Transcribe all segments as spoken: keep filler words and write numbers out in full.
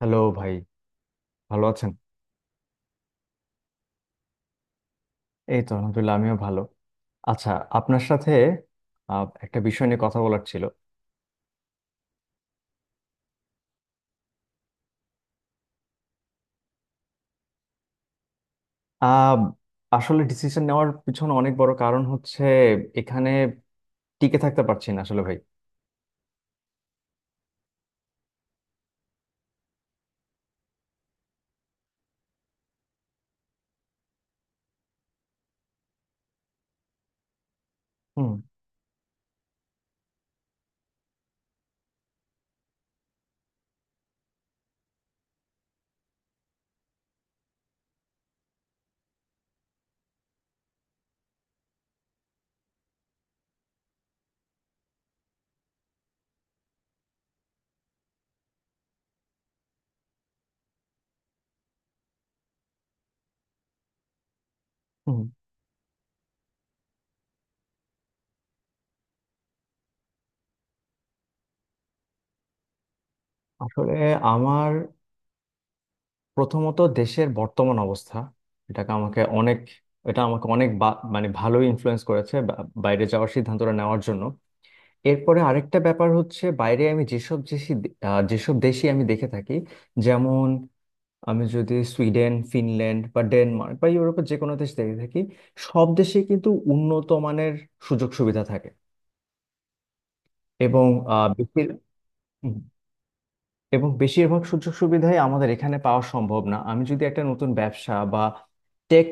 Hello ভাই, ভালো আছেন? এই তো আলহামদুলিল্লাহ, আমিও ভালো। আচ্ছা, আপনার সাথে আহ, একটা বিষয় নিয়ে কথা বলার ছিল। আহ, আসলে ডিসিশন নেওয়ার পিছনে অনেক বড় কারণ হচ্ছে, এখানে টিকে থাকতে পারছি না আসলে ভাই। হুম হুম। আসলে আমার প্রথমত দেশের বর্তমান অবস্থা, এটাকে আমাকে অনেক এটা আমাকে অনেক বা- মানে ভালোই ইনফ্লুয়েন্স করেছে, বা- বাইরে যাওয়ার সিদ্ধান্তটা নেওয়ার জন্য। এরপরে আরেকটা ব্যাপার হচ্ছে, বাইরে আমি যেসব দেশি দে- আহ, যেসব দেশই আমি দেখে থাকি। যেমন আমি যদি সুইডেন, ফিনল্যান্ড বা ডেনমার্ক বা ইউরোপের যে কোনো দেশ দেখে থাকি, সব দেশে কিন্তু উন্নত মানের সুযোগ সুবিধা থাকে। এবং আহ, বেশির হুম, এবং বেশিরভাগ সুযোগ সুবিধাই আমাদের এখানে পাওয়া সম্ভব না। আমি যদি একটা নতুন ব্যবসা বা টেক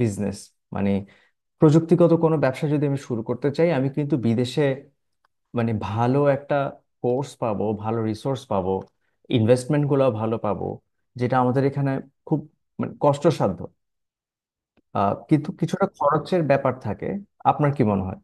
বিজনেস, মানে প্রযুক্তিগত কোনো ব্যবসা যদি আমি শুরু করতে চাই, আমি কিন্তু বিদেশে মানে ভালো একটা কোর্স পাবো, ভালো রিসোর্স পাবো, ইনভেস্টমেন্টগুলো ভালো পাবো, যেটা আমাদের এখানে খুব মানে কষ্টসাধ্য। আহ কিন্তু কিছুটা খরচের ব্যাপার থাকে। আপনার কি মনে হয়?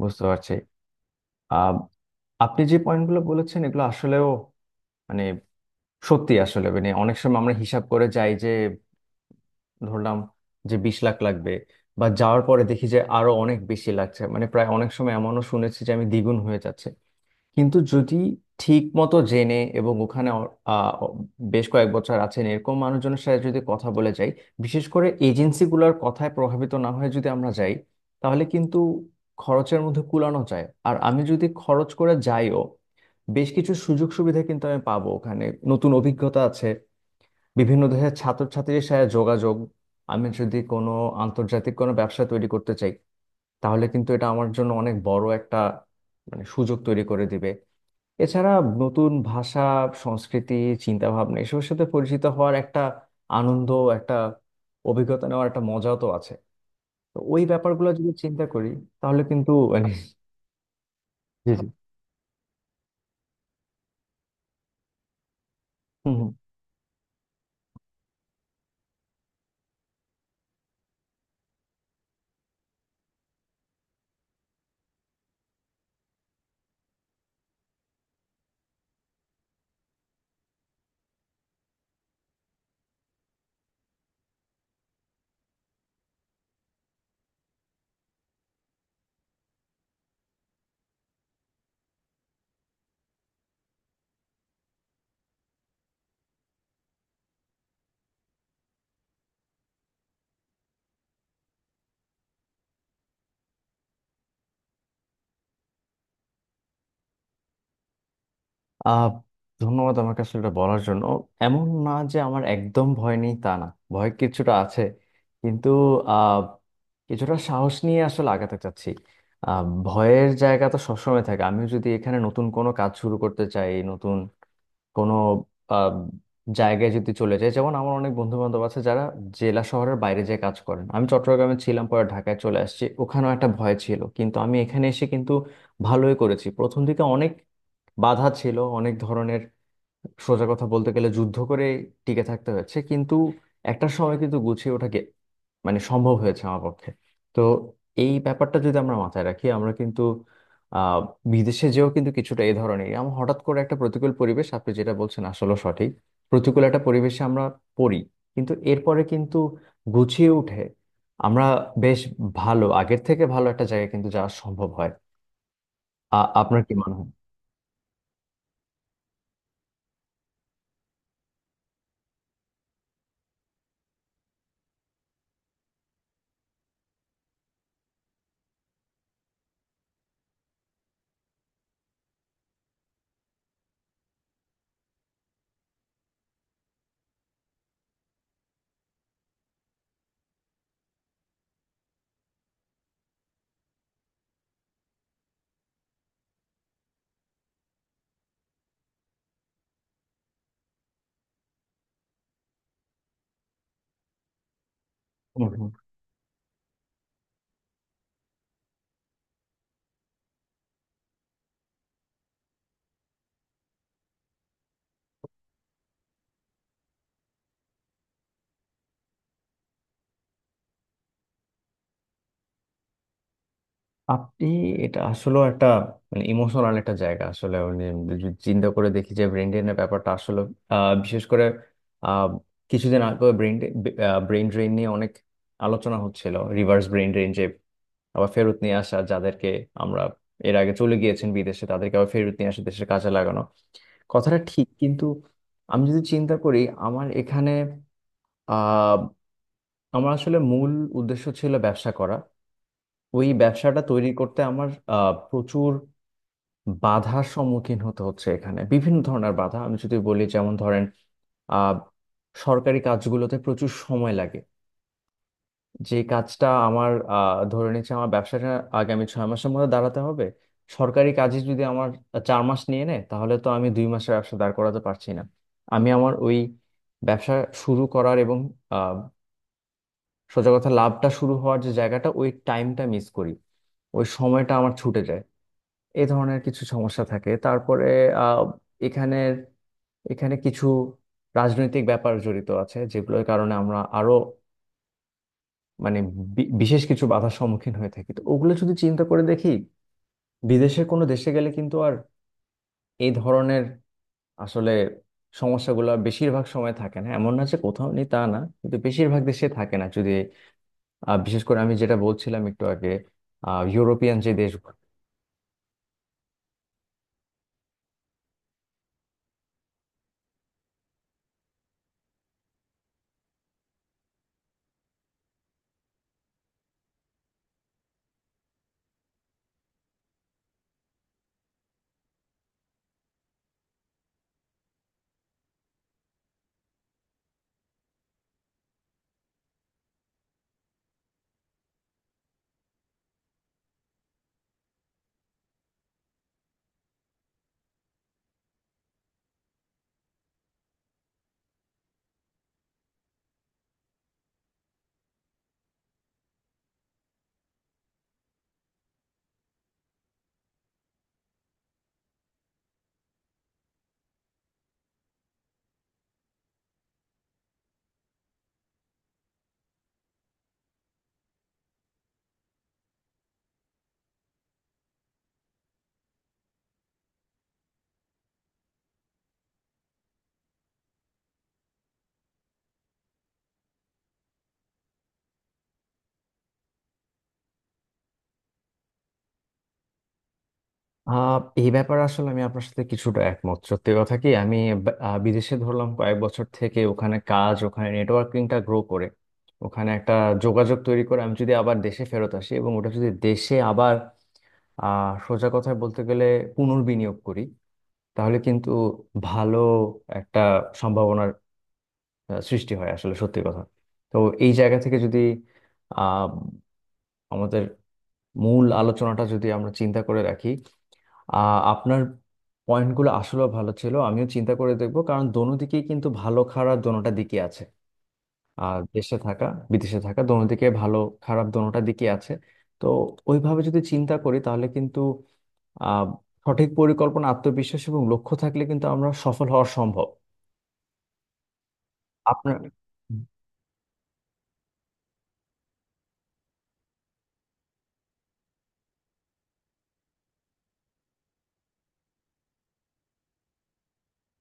বুঝতে পারছি। আহ, আপনি যে পয়েন্টগুলো বলেছেন, এগুলো আসলেও মানে সত্যি। আসলে মানে অনেক সময় আমরা হিসাব করে যাই যে ধরলাম যে বিশ লাখ লাগবে, বা যাওয়ার পরে দেখি যে আরো অনেক বেশি লাগছে। মানে প্রায় অনেক সময় এমনও শুনেছি যে আমি দ্বিগুণ হয়ে যাচ্ছে। কিন্তু যদি ঠিক মতো জেনে এবং ওখানে অ- আহ, বেশ কয়েক বছর আছেন এরকম মানুষজনের সাথে যদি কথা বলে যাই, বিশেষ করে এজেন্সিগুলোর কথায় প্রভাবিত না হয়ে যদি আমরা যাই, তাহলে কিন্তু খরচের মধ্যে কুলানো যায়। আর আমি যদি খরচ করে যাইও, বেশ কিছু সুযোগ সুবিধা কিন্তু আমি পাবো ওখানে। নতুন অভিজ্ঞতা আছে, বিভিন্ন দেশের ছাত্রছাত্রীর সাথে যোগাযোগ। আমি যদি কোনো আন্তর্জাতিক কোনো ব্যবসা তৈরি করতে চাই, তাহলে কিন্তু এটা আমার জন্য অনেক বড় একটা মানে সুযোগ তৈরি করে দিবে। এছাড়া নতুন ভাষা, সংস্কৃতি, চিন্তা ভাবনা এসবের সাথে পরিচিত হওয়ার একটা আনন্দ, একটা অভিজ্ঞতা নেওয়ার একটা মজাও তো আছে। তো ওই ব্যাপারগুলো যদি চিন্তা করি, তাহলে কিন্তু মানে। জি জি। হুম হুম। আহ ধন্যবাদ আমাকে আসলে এটা বলার জন্য। এমন না যে আমার একদম ভয় নেই, তা না। ভয় কিছুটা আছে, কিন্তু আহ কিছুটা সাহস নিয়ে আসলে আগাতে চাচ্ছি। আহ ভয়ের জায়গা তো সবসময় থাকে। আমি যদি এখানে নতুন কোনো কাজ শুরু করতে চাই, নতুন কোনো আহ, জায়গায় যদি চলে যায়, যেমন আমার অনেক বন্ধু বান্ধব আছে যারা জেলা শহরের বাইরে যেয়ে কাজ করেন। আমি চট্টগ্রামে ছিলাম, পরে ঢাকায় চলে আসছি। ওখানেও একটা ভয় ছিল, কিন্তু আমি এখানে এসে কিন্তু ভালোই করেছি। প্রথম দিকে অনেক বাধা ছিল, অনেক ধরনের। সোজা কথা বলতে গেলে যুদ্ধ করে টিকে থাকতে হয়েছে, কিন্তু একটা সময় কিন্তু গুছিয়ে ওঠাকে মানে সম্ভব হয়েছে আমার পক্ষে। তো এই ব্যাপারটা যদি আমরা মাথায় রাখি, আমরা কিন্তু আহ বিদেশে যেও কিন্তু কিছুটা এই ধরনের, আমরা হঠাৎ করে একটা প্রতিকূল পরিবেশ, আপনি যেটা বলছেন আসলে সঠিক, প্রতিকূল একটা পরিবেশে আমরা পড়ি। কিন্তু এরপরে কিন্তু গুছিয়ে উঠে আমরা বেশ ভালো, আগের থেকে ভালো একটা জায়গায় কিন্তু যাওয়া সম্ভব হয়। আ- আপনার কি মনে হয়? আপনি এটা আসলে একটা মানে ইমোশনাল একটা জায়গা। আসলে মানে যদি চিন্তা করে দেখি যে ব্রেন ড্রেনের ব্যাপারটা আসলে, আহ, বিশেষ করে আহ, কিছুদিন আগে ব্রেন ব্রেন ড্রেন নিয়ে অনেক আলোচনা হচ্ছিল, রিভার্স ব্রেন ড্রেন, যে আবার ফেরত নিয়ে আসা যাদেরকে আমরা এর আগে চলে গিয়েছেন বিদেশে তাদেরকে আবার ফেরত নিয়ে আসে দেশের কাজে লাগানো। কথাটা ঠিক, কিন্তু আমি যদি চিন্তা করি আমার এখানে, আহ আমার আসলে মূল উদ্দেশ্য ছিল ব্যবসা করা। ওই ব্যবসাটা তৈরি করতে আমার আহ, প্রচুর বাধার সম্মুখীন হতে হচ্ছে এখানে। বিভিন্ন ধরনের বাধা আমি যদি বলি, যেমন ধরেন আহ, সরকারি কাজগুলোতে প্রচুর সময় লাগে। যে কাজটা আমার, আহ, ধরে নিচ্ছে আমার ব্যবসাটা আগামী ছয় মাসের মধ্যে দাঁড়াতে হবে, সরকারি কাজে যদি আমার চার মাস নিয়ে নেয়, তাহলে তো আমি দুই মাসের ব্যবসা দাঁড় করাতে পারছি না। আমি আমার ওই ব্যবসা শুরু করার এবং আহ, সোজা কথা লাভটা শুরু হওয়ার যে জায়গাটা, ওই টাইমটা মিস করি, ওই সময়টা আমার ছুটে যায়। এই ধরনের কিছু সমস্যা থাকে। তারপরে আহ, এখানের এখানে কিছু রাজনৈতিক ব্যাপার জড়িত আছে, যেগুলোর কারণে আমরা আরো মানে বি- বিশেষ কিছু বাধার সম্মুখীন হয়ে থাকি। তো ওগুলো যদি চিন্তা করে দেখি, বিদেশের কোনো দেশে গেলে কিন্তু আর এই ধরনের আসলে সমস্যাগুলো বেশিরভাগ সময় থাকে না। এমন না যে কোথাও নেই, তা না, কিন্তু বেশিরভাগ দেশে থাকে না। যদি আহ, বিশেষ করে আমি যেটা বলছিলাম একটু আগে, আহ ইউরোপিয়ান যে দেশ। আহ এই ব্যাপারে আসলে আমি আপনার সাথে কিছুটা একমত। সত্যি কথা কি, আমি বা- আহ, বিদেশে ধরলাম কয়েক বছর থেকে ওখানে কাজ, ওখানে নেটওয়ার্কিংটা গ্রো করে, ওখানে একটা যোগাযোগ তৈরি করে আমি যদি আবার দেশে ফেরত আসি এবং ওটা যদি দেশে আবার আহ সোজা কথায় বলতে গেলে পুনর্বিনিয়োগ করি, তাহলে কিন্তু ভালো একটা সম্ভাবনার আহ, সৃষ্টি হয় আসলে সত্যি কথা। তো এই জায়গা থেকে যদি আহ আমাদের মূল আলোচনাটা যদি আমরা চিন্তা করে রাখি, আহ, আপনার পয়েন্টগুলো আসলে ভালো ছিল। আমিও চিন্তা করে দেখবো, কারণ দোনো দিকেই কিন্তু ভালো খারাপ দোনোটা দিকে আছে। আর দেশে থাকা, বিদেশে থাকা দোনো দিকে ভালো খারাপ দোনোটা দিকে আছে। তো ওইভাবে যদি চিন্তা করি, তাহলে কিন্তু আহ সঠিক পরিকল্পনা, আত্মবিশ্বাস এবং লক্ষ্য থাকলে কিন্তু আমরা সফল হওয়া সম্ভব। আপনার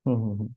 হুম হুম হুম।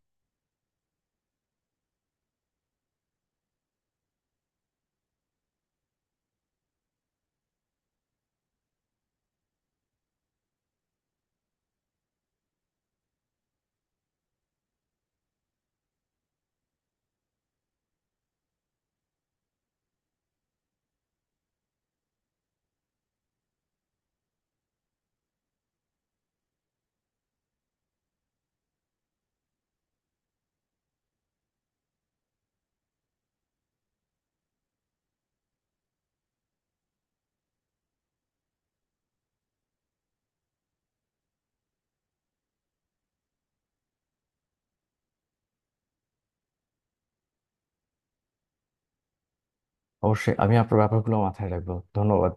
অবশ্যই আমি আপনার ব্যাপারগুলো মাথায় রাখবো, ধন্যবাদ।